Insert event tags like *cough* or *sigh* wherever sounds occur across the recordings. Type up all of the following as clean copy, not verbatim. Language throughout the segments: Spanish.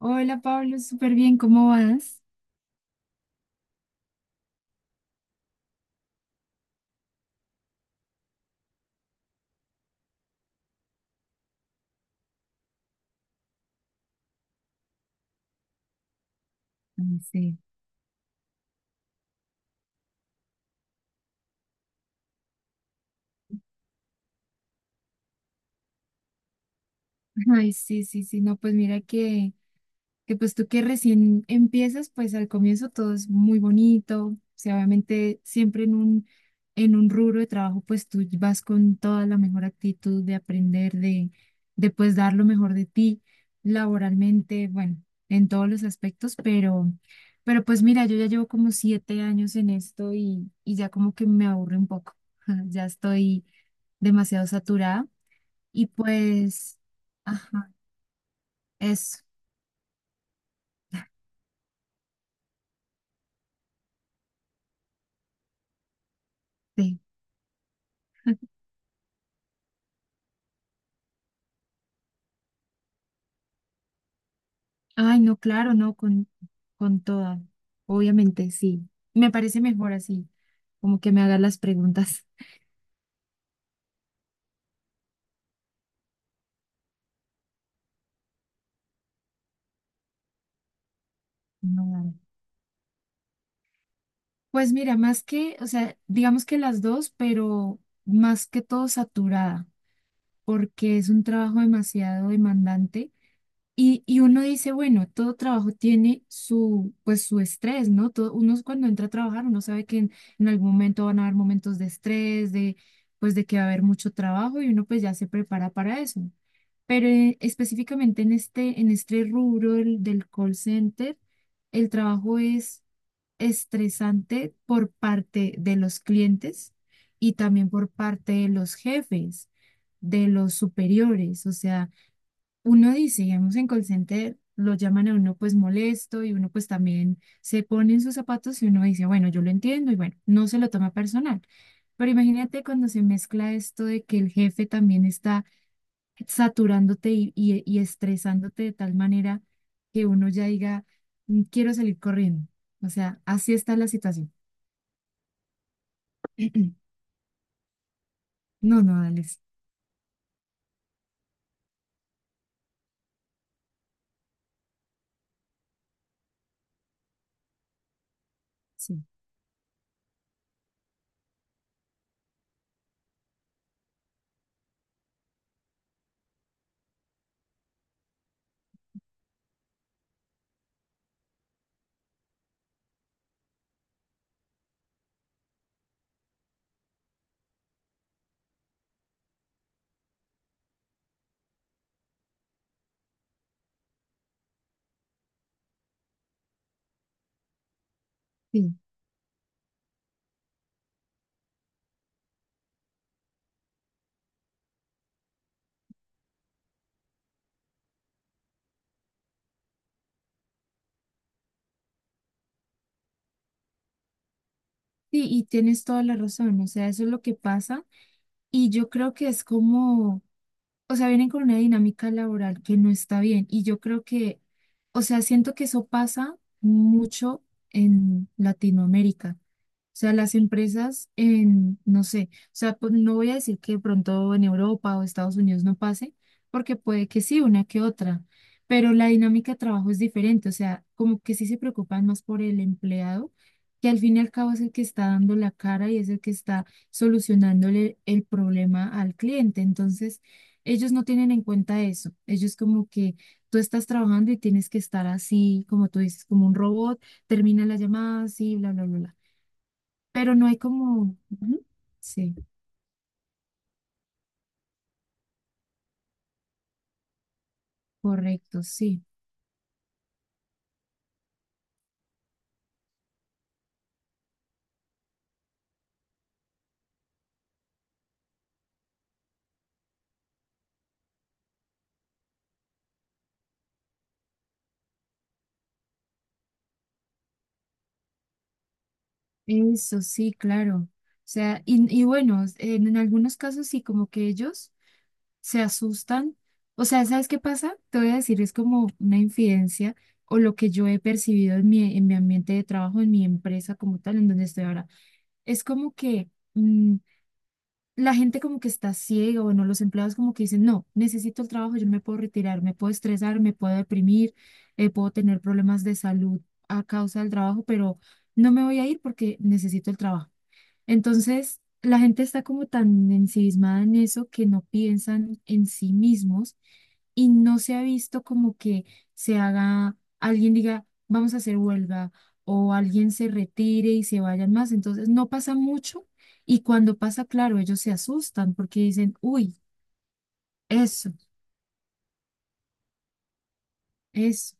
Hola Pablo, súper bien, ¿cómo vas? Ah, sí. Ay, sí, sí, sí, no, pues mira que pues tú que recién empiezas, pues al comienzo todo es muy bonito, o sea, obviamente siempre en un rubro de trabajo, pues tú vas con toda la mejor actitud de aprender, de pues dar lo mejor de ti laboralmente, bueno, en todos los aspectos, pero pues mira, yo ya llevo como 7 años en esto y ya como que me aburre un poco, *laughs* ya estoy demasiado saturada y pues, ajá, eso, sí. Ay, no, claro, no, con toda, obviamente, sí. Me parece mejor así, como que me hagas las preguntas. *laughs* No, dale. Pues mira, más que, o sea, digamos que las dos, pero más que todo saturada, porque es un trabajo demasiado demandante. Y uno dice, bueno, todo trabajo tiene su, pues, su estrés, ¿no? Todo, uno es cuando entra a trabajar, uno sabe que en algún momento van a haber momentos de estrés, de, pues, de que va a haber mucho trabajo y uno pues ya se prepara para eso. Pero específicamente en este rubro del call center, el trabajo es estresante por parte de los clientes y también por parte de los jefes, de los superiores. O sea, uno dice, digamos, en call center lo llaman a uno pues molesto y uno pues también se pone en sus zapatos y uno dice, bueno, yo lo entiendo y bueno, no se lo toma personal. Pero imagínate cuando se mezcla esto de que el jefe también está saturándote y, y estresándote de tal manera que uno ya diga, "Mm, quiero salir corriendo". O sea, así está la situación. *clears throat* No, no, Alex. Sí, sí. Sí, y tienes toda la razón. O sea, eso es lo que pasa. Y yo creo que es como... O sea, vienen con una dinámica laboral que no está bien. Y yo creo que, o sea, siento que eso pasa mucho en Latinoamérica. O sea, las empresas en, no sé, o sea, pues, no voy a decir que de pronto en Europa o Estados Unidos no pase, porque puede que sí, una que otra, pero la dinámica de trabajo es diferente, o sea, como que sí se preocupan más por el empleado, que al fin y al cabo es el que está dando la cara y es el que está solucionándole el problema al cliente. Entonces, ellos no tienen en cuenta eso. Ellos como que tú estás trabajando y tienes que estar así, como tú dices, como un robot, termina la llamada así, bla, bla, bla, bla. Pero no hay como... Ujú. Sí, correcto, sí. Eso sí, claro. O sea, y bueno, en algunos casos sí, como que ellos se asustan. O sea, ¿sabes qué pasa? Te voy a decir, es como una infidencia o lo que yo he percibido en mi ambiente de trabajo, en mi empresa como tal, en donde estoy ahora. Es como que... mm, la gente como que está ciega, bueno, los empleados como que dicen, no, necesito el trabajo, yo no me puedo retirar, me puedo estresar, me puedo deprimir, puedo tener problemas de salud a causa del trabajo, pero no me voy a ir porque necesito el trabajo. Entonces, la gente está como tan ensimismada en eso que no piensan en sí mismos y no se ha visto como que se haga, alguien diga, vamos a hacer huelga o alguien se retire y se vayan más. Entonces, no pasa mucho y cuando pasa, claro, ellos se asustan porque dicen, uy, eso, eso.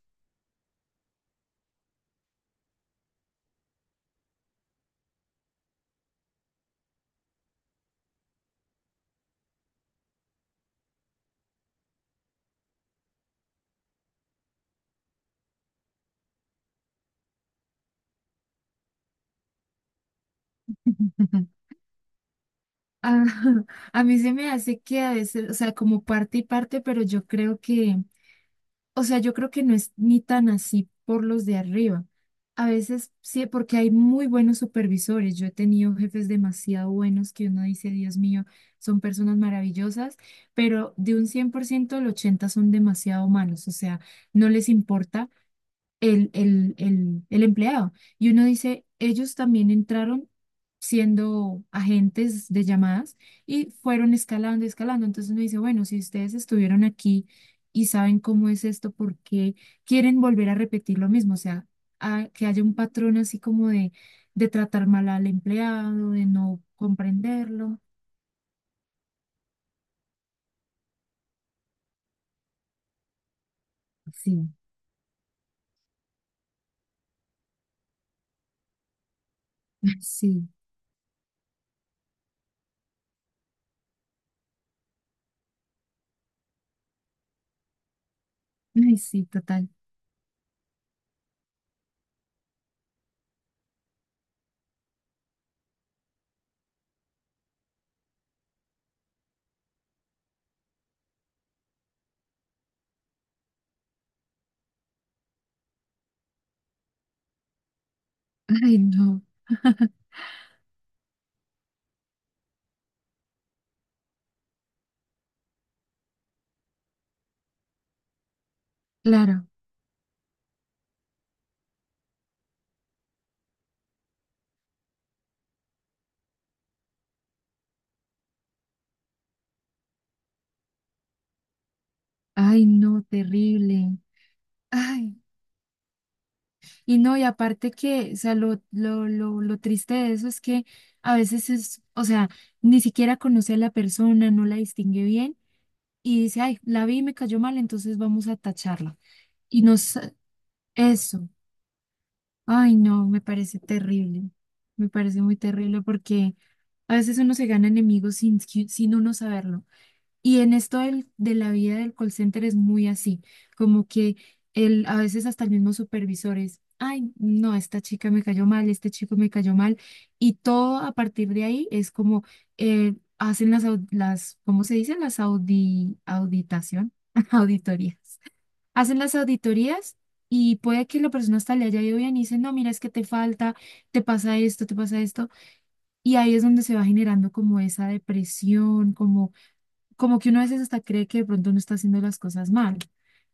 *laughs* Ah, *laughs* a mí se me hace que a veces, o sea, como parte y parte, pero yo creo que... O sea, yo creo que no es ni tan así por los de arriba. A veces sí, porque hay muy buenos supervisores. Yo he tenido jefes demasiado buenos que uno dice, Dios mío, son personas maravillosas, pero de un 100% el 80 son demasiado malos. O sea, no les importa el empleado. Y uno dice, ellos también entraron siendo agentes de llamadas y fueron escalando, escalando. Entonces uno dice, bueno, si ustedes estuvieron aquí y saben cómo es esto, ¿por qué quieren volver a repetir lo mismo? O sea, que haya un patrón así como de tratar mal al empleado, de no comprenderlo. Sí, *laughs* sí, ay, sí, total. Ay, no, claro. Ay, no, terrible. Ay. Y no, y aparte que, o sea, lo triste de eso es que a veces es, o sea, ni siquiera conoce a la persona, no la distingue bien y dice, ay, la vi y me cayó mal, entonces vamos a tacharla. Y nos, eso, ay, no, me parece terrible, me parece muy terrible porque a veces uno se gana enemigos sin, sin uno saberlo. Y en esto de la vida del call center es muy así, como que el, a veces hasta el mismo supervisor es, ay, no, esta chica me cayó mal, este chico me cayó mal, y todo a partir de ahí es como hacen las, las, ¿cómo se dice? Las auditación, *laughs* auditorías. Hacen las auditorías y puede que la persona hasta le haya ido bien y dice, no, mira, es que te falta, te pasa esto, y ahí es donde se va generando como esa depresión, como como que uno a veces hasta cree que de pronto uno está haciendo las cosas mal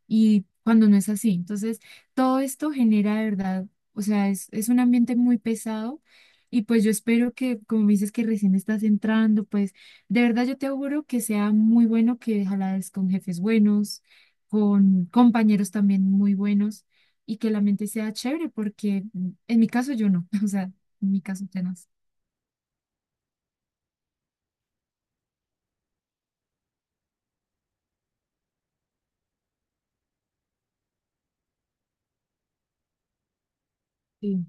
y cuando no es así. Entonces, todo esto genera de verdad, o sea, es un ambiente muy pesado y pues yo espero que, como me dices que recién estás entrando, pues de verdad yo te auguro que sea muy bueno, que ojalá es con jefes buenos, con compañeros también muy buenos y que la mente sea chévere, porque mm, en mi caso yo no, *laughs* o sea, en mi caso tenaz. Sí.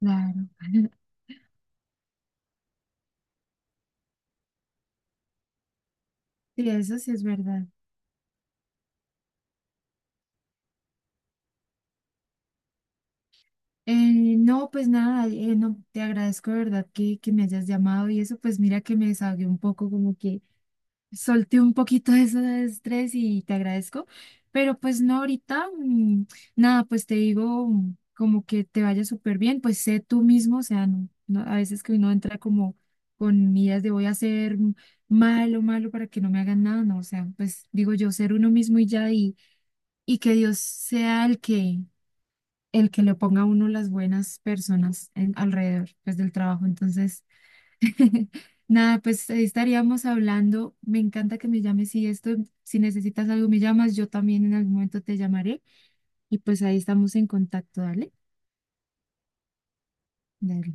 Claro. *laughs* Sí, eso sí es verdad. No, pues nada, no, te agradezco de verdad que me hayas llamado y eso, pues mira que me desahogué un poco, como que solté un poquito *laughs* de ese estrés y te agradezco, pero pues no, ahorita, nada, pues te digo como que te vaya súper bien, pues sé tú mismo, o sea, no, no, a veces que uno entra como con ideas de voy a ser malo, malo para que no me hagan nada, no, o sea, pues digo yo, ser uno mismo y ya, y que Dios sea el que le ponga a uno las buenas personas alrededor, pues del trabajo. Entonces, *laughs* nada, pues ahí estaríamos hablando. Me encanta que me llames si esto, si necesitas algo, me llamas. Yo también en algún momento te llamaré y pues ahí estamos en contacto. Dale, dale.